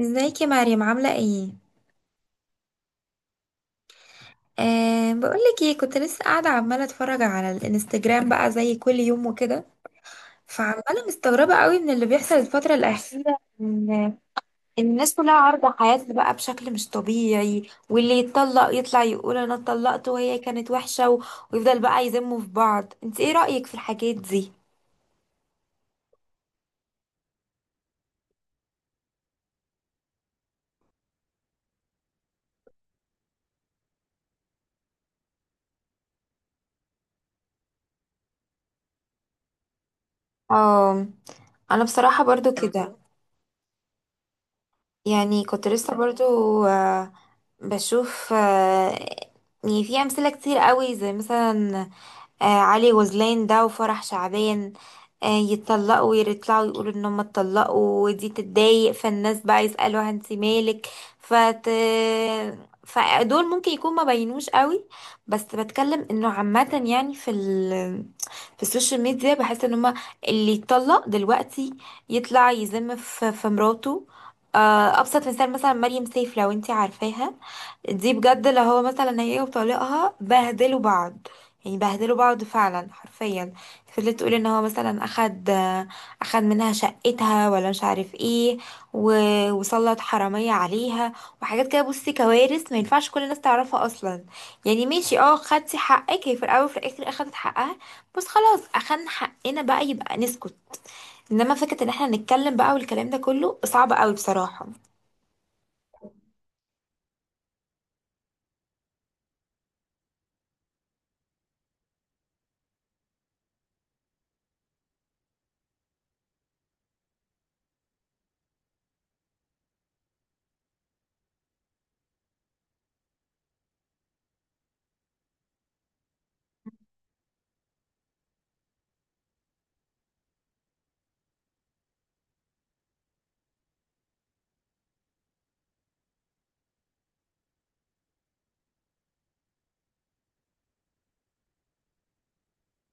ازيك يا مريم عاملة ايه؟ أه بقولك ايه، كنت لسه قاعدة عمالة اتفرج على الانستجرام بقى زي كل يوم وكده. فعمالة مستغربة قوي من اللي بيحصل الفترة الأخيرة إن الناس كلها عارضة حياتها بقى بشكل مش طبيعي، واللي يتطلق يطلع يقول انا اتطلقت وهي كانت وحشة، ويفضل بقى يذموا في بعض. انت ايه رأيك في الحاجات دي؟ اه، انا بصراحة برضو كده، يعني كنت لسه برضو آه، بشوف. يعني في أمثلة كتير قوي، زي مثلا علي غزلان ده وفرح شعبان. يتطلقوا ويطلعوا يقولوا ان هم اتطلقوا ودي تتضايق، فالناس بقى يسألوا انت مالك. فت... فدول ممكن يكون ما بينوش قوي، بس بتكلم انه عامة، يعني في السوشيال ميديا بحس ان هم اللي يتطلق دلوقتي يطلع يذم في مراته. ابسط مثال مثلا مريم سيف، لو انت عارفاها. دي بجد لو هو مثلا، هي وطليقها بهدلوا بعض، يعني بهدلوا بعض فعلا حرفيا. فضلت تقول ان هو مثلا اخد منها شقتها ولا مش عارف ايه، و... وسلط حرامية عليها وحاجات كده. بصي كوارث، ما ينفعش كل الناس تعرفها اصلا. يعني ماشي، اه، خدتي حقك، هي في الاول وفي الاخر اخدت حقها، بس خلاص اخدنا حقنا بقى يبقى نسكت. انما فكرة ان احنا نتكلم بقى والكلام ده كله صعب قوي بصراحة.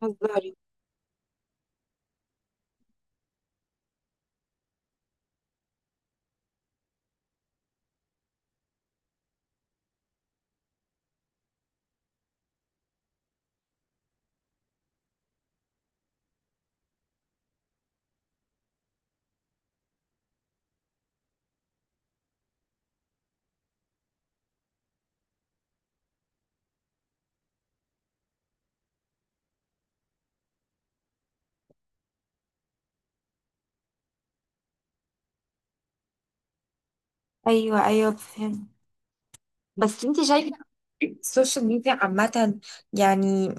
بتهزري؟ ايوه ايوه فهمت. بس انت شايفه السوشيال ميديا عامه، يعني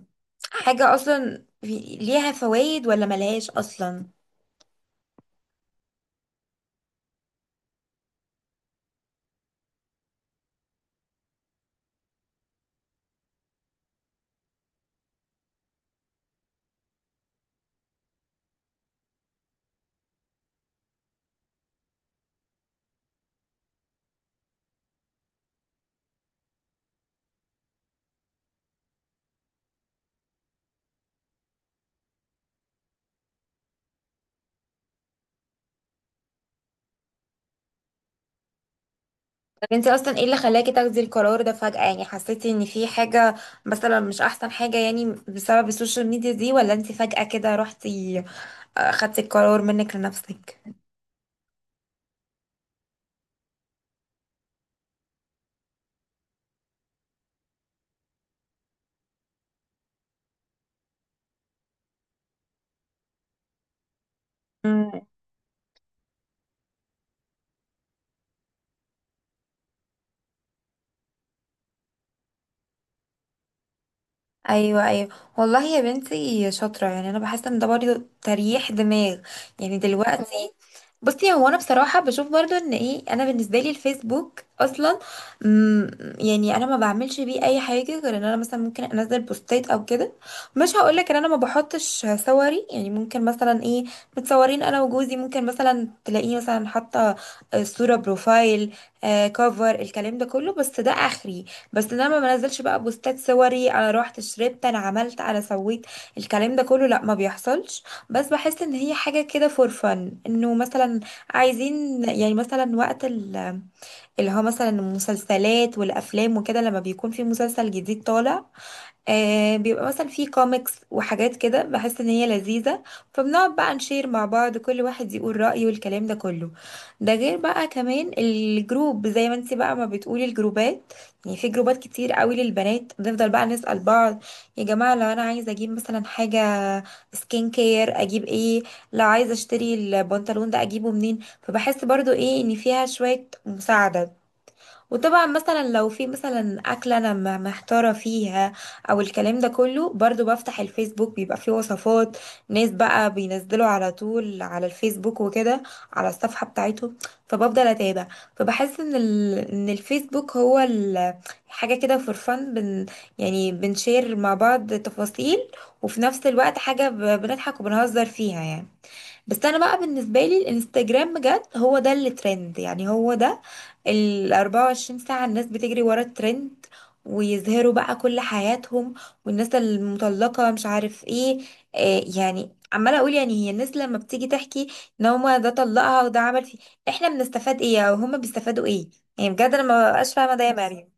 حاجة أصلا ليها فوائد ولا ملهاش أصلا؟ طب انت أصلا ايه اللي خلاكي تاخدي القرار ده فجأة؟ يعني حسيتي ان في حاجة مثلا مش أحسن حاجة يعني بسبب السوشيال ميديا دي، ولا انت فجأة كده رحتي، خدتي القرار منك لنفسك؟ مم. ايوه ايوه، والله يا بنتي شاطره، يعني انا بحس ان ده برضه تريح دماغ يعني دلوقتي. بصي، هو انا بصراحه بشوف برضو ان ايه، انا بالنسبه لي الفيسبوك اصلا، مم، يعني انا ما بعملش بيه اي حاجه غير ان انا مثلا ممكن انزل بوستات او كده. مش هقولك ان انا ما بحطش صوري، يعني ممكن مثلا ايه، متصورين انا وجوزي، ممكن مثلا تلاقيه مثلا حاطه صوره بروفايل. آه، كفر الكلام ده كله، بس ده اخري. بس إن انا ما بنزلش بقى بوستات صوري، انا رحت شربت، انا عملت، انا سويت، الكلام ده كله لا، ما بيحصلش. بس بحس ان هي حاجة كده فور فن، انه مثلا عايزين يعني مثلا اللي هو مثلا المسلسلات والافلام وكده، لما بيكون في مسلسل جديد طالع، آه، بيبقى مثلا في كوميكس وحاجات كده، بحس ان هي لذيذة. فبنقعد بقى نشير مع بعض، كل واحد يقول رأيه والكلام ده كله. ده غير بقى كمان الجروب زي ما انت بقى ما بتقولي، الجروبات، يعني في جروبات كتير قوي للبنات، بنفضل بقى نسأل بعض يا جماعة، لو انا عايزة اجيب مثلا حاجة سكين كير اجيب ايه، لو عايزة اشتري البنطلون ده اجيبه منين. فبحس برضو ايه، ان فيها شوية مساعدة. وطبعا مثلا لو في مثلا اكله انا محتاره فيها او الكلام ده كله، برضو بفتح الفيسبوك بيبقى فيه وصفات، ناس بقى بينزلوا على طول على الفيسبوك وكده، على الصفحه بتاعتهم، فبفضل اتابع. فبحس ان ان الفيسبوك هو حاجه كده فور فن، يعني بنشير مع بعض تفاصيل، وفي نفس الوقت حاجه بنضحك وبنهزر فيها يعني. بس انا بقى بالنسبه لي الانستجرام بجد هو ده اللي ترند، يعني هو ده. ال 24 ساعه الناس بتجري ورا الترند، ويظهروا بقى كل حياتهم، والناس المطلقه مش عارف ايه. آه يعني عماله اقول، يعني هي الناس لما بتيجي تحكي ان هما ده طلقها وده عمل فيه، احنا بنستفاد ايه او هما بيستفادوا ايه؟ يعني بجد انا ما بقاش فاهمه ده يا مريم.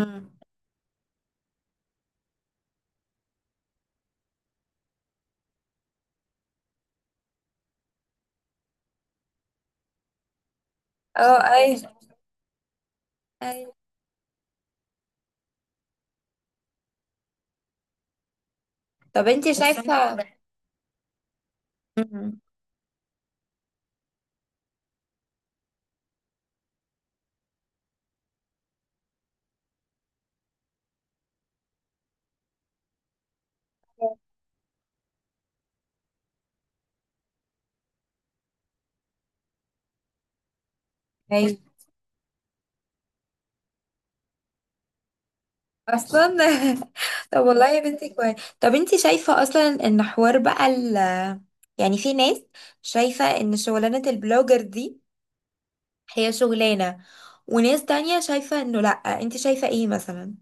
مم. اه اي اي. طب انت شايفه؟ مم. ايوه. اصلا! طب والله يا بنتي كويس. طب انتي شايفة اصلا ان حوار بقى ال، يعني في ناس شايفة ان شغلانة البلوجر دي هي شغلانة، وناس تانية شايفة انه لأ، انتي شايفة ايه مثلا؟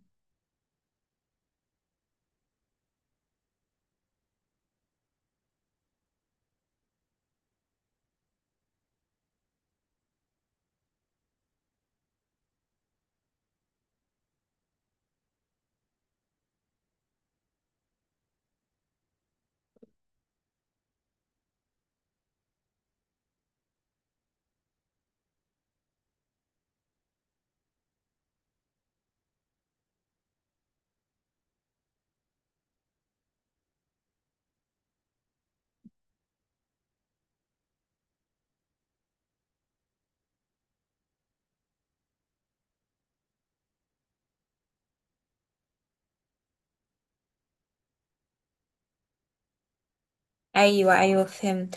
ايوه ايوه فهمت.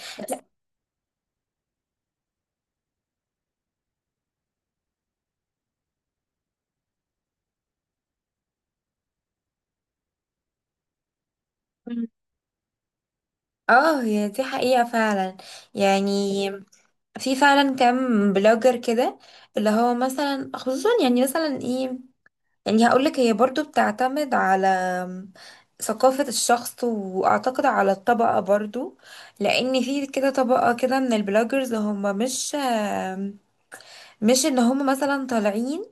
مم. اه، هي دي حقيقة فعلا، يعني في فعلا كام بلوجر كده، اللي هو مثلا خصوصا يعني مثلا ايه، يعني هقولك هي برضو بتعتمد على ثقافة الشخص، وأعتقد على الطبقة برضو. لأن في كده طبقة كده من البلوجرز هم مش إن هم مثلا طالعين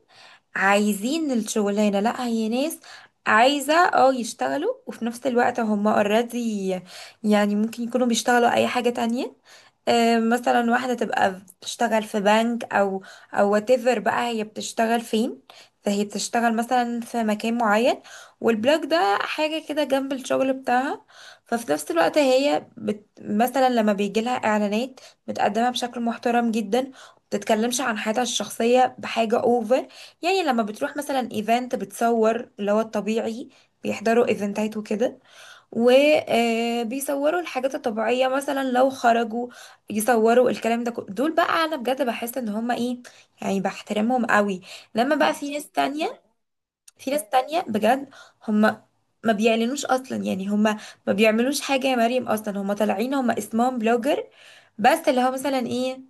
عايزين الشغلانة، لأ هي ناس عايزة اه يشتغلوا، وفي نفس الوقت هم اوريدي، يعني ممكن يكونوا بيشتغلوا أي حاجة تانية. آه، مثلا واحدة تبقى بتشتغل في بنك، أو whatever بقى هي بتشتغل فين. فهي بتشتغل مثلا في مكان معين، والبلوك ده حاجة كده جنب الشغل بتاعها. ففي نفس الوقت هي بت مثلا لما بيجيلها إعلانات بتقدمها بشكل محترم جدا، بتتكلمش عن حياتها الشخصية بحاجة اوفر. يعني لما بتروح مثلا ايفنت بتصور اللي هو الطبيعي، بيحضروا ايفنتات وكده وبيصوروا الحاجات الطبيعية، مثلا لو خرجوا يصوروا الكلام ده كله. دول بقى انا بجد بحس ان هما ايه، يعني بحترمهم قوي. لما بقى في ناس تانية، في ناس تانية بجد، هما ما بيعلنوش اصلا، يعني هما ما بيعملوش حاجة يا مريم اصلا، هما طالعين هما اسمهم بلوجر، بس اللي هو مثلا ايه،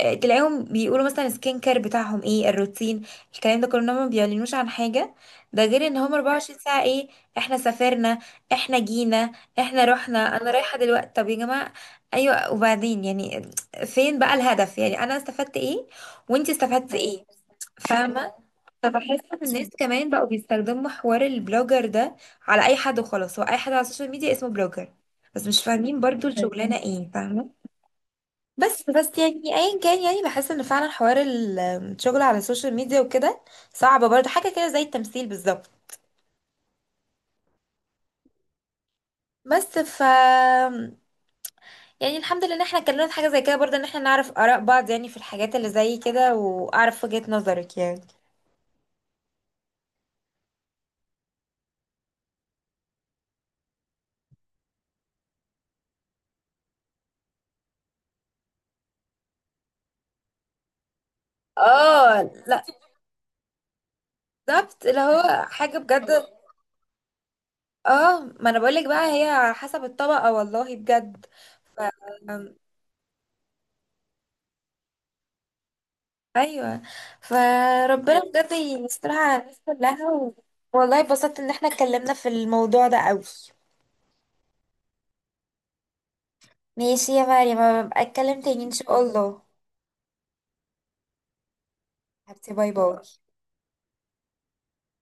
آه، تلاقيهم بيقولوا مثلا السكين كير بتاعهم ايه، الروتين، الكلام ده كله، إنهم ما بيعلنوش عن حاجة. ده غير ان هم 24 ساعة ايه، احنا سافرنا، احنا جينا، احنا رحنا، انا رايحة دلوقتي. طب يا جماعة ايوه وبعدين، يعني فين بقى الهدف؟ يعني انا استفدت ايه وانتي استفدتي ايه؟ فاهمة؟ فبحس ان الناس كمان بقوا بيستخدموا حوار البلوجر ده على اي حد وخلاص، هو اي حد على السوشيال ميديا اسمه بلوجر، بس مش فاهمين برضو الشغلانة ايه، فاهمة؟ بس يعني ايا كان، يعني بحس ان فعلا حوار الشغل على السوشيال ميديا وكده صعب برضه، حاجه كده زي التمثيل بالظبط. بس ف، يعني الحمد لله ان احنا اتكلمنا في حاجه زي كده برضه، ان احنا نعرف اراء بعض يعني في الحاجات اللي زي كده، واعرف وجهة نظرك يعني. اه لا، بالظبط، اللي هو حاجه بجد. اه، ما انا بقولك بقى هي على حسب الطبقه، والله بجد. ف... ايوه. فربنا بجد يسترها على الناس كلها، والله اتبسطت ان احنا اتكلمنا في الموضوع ده قوي. ماشي يا مريم، أبقى اتكلم تاني ان شاء الله. حبيبتي، باي باي.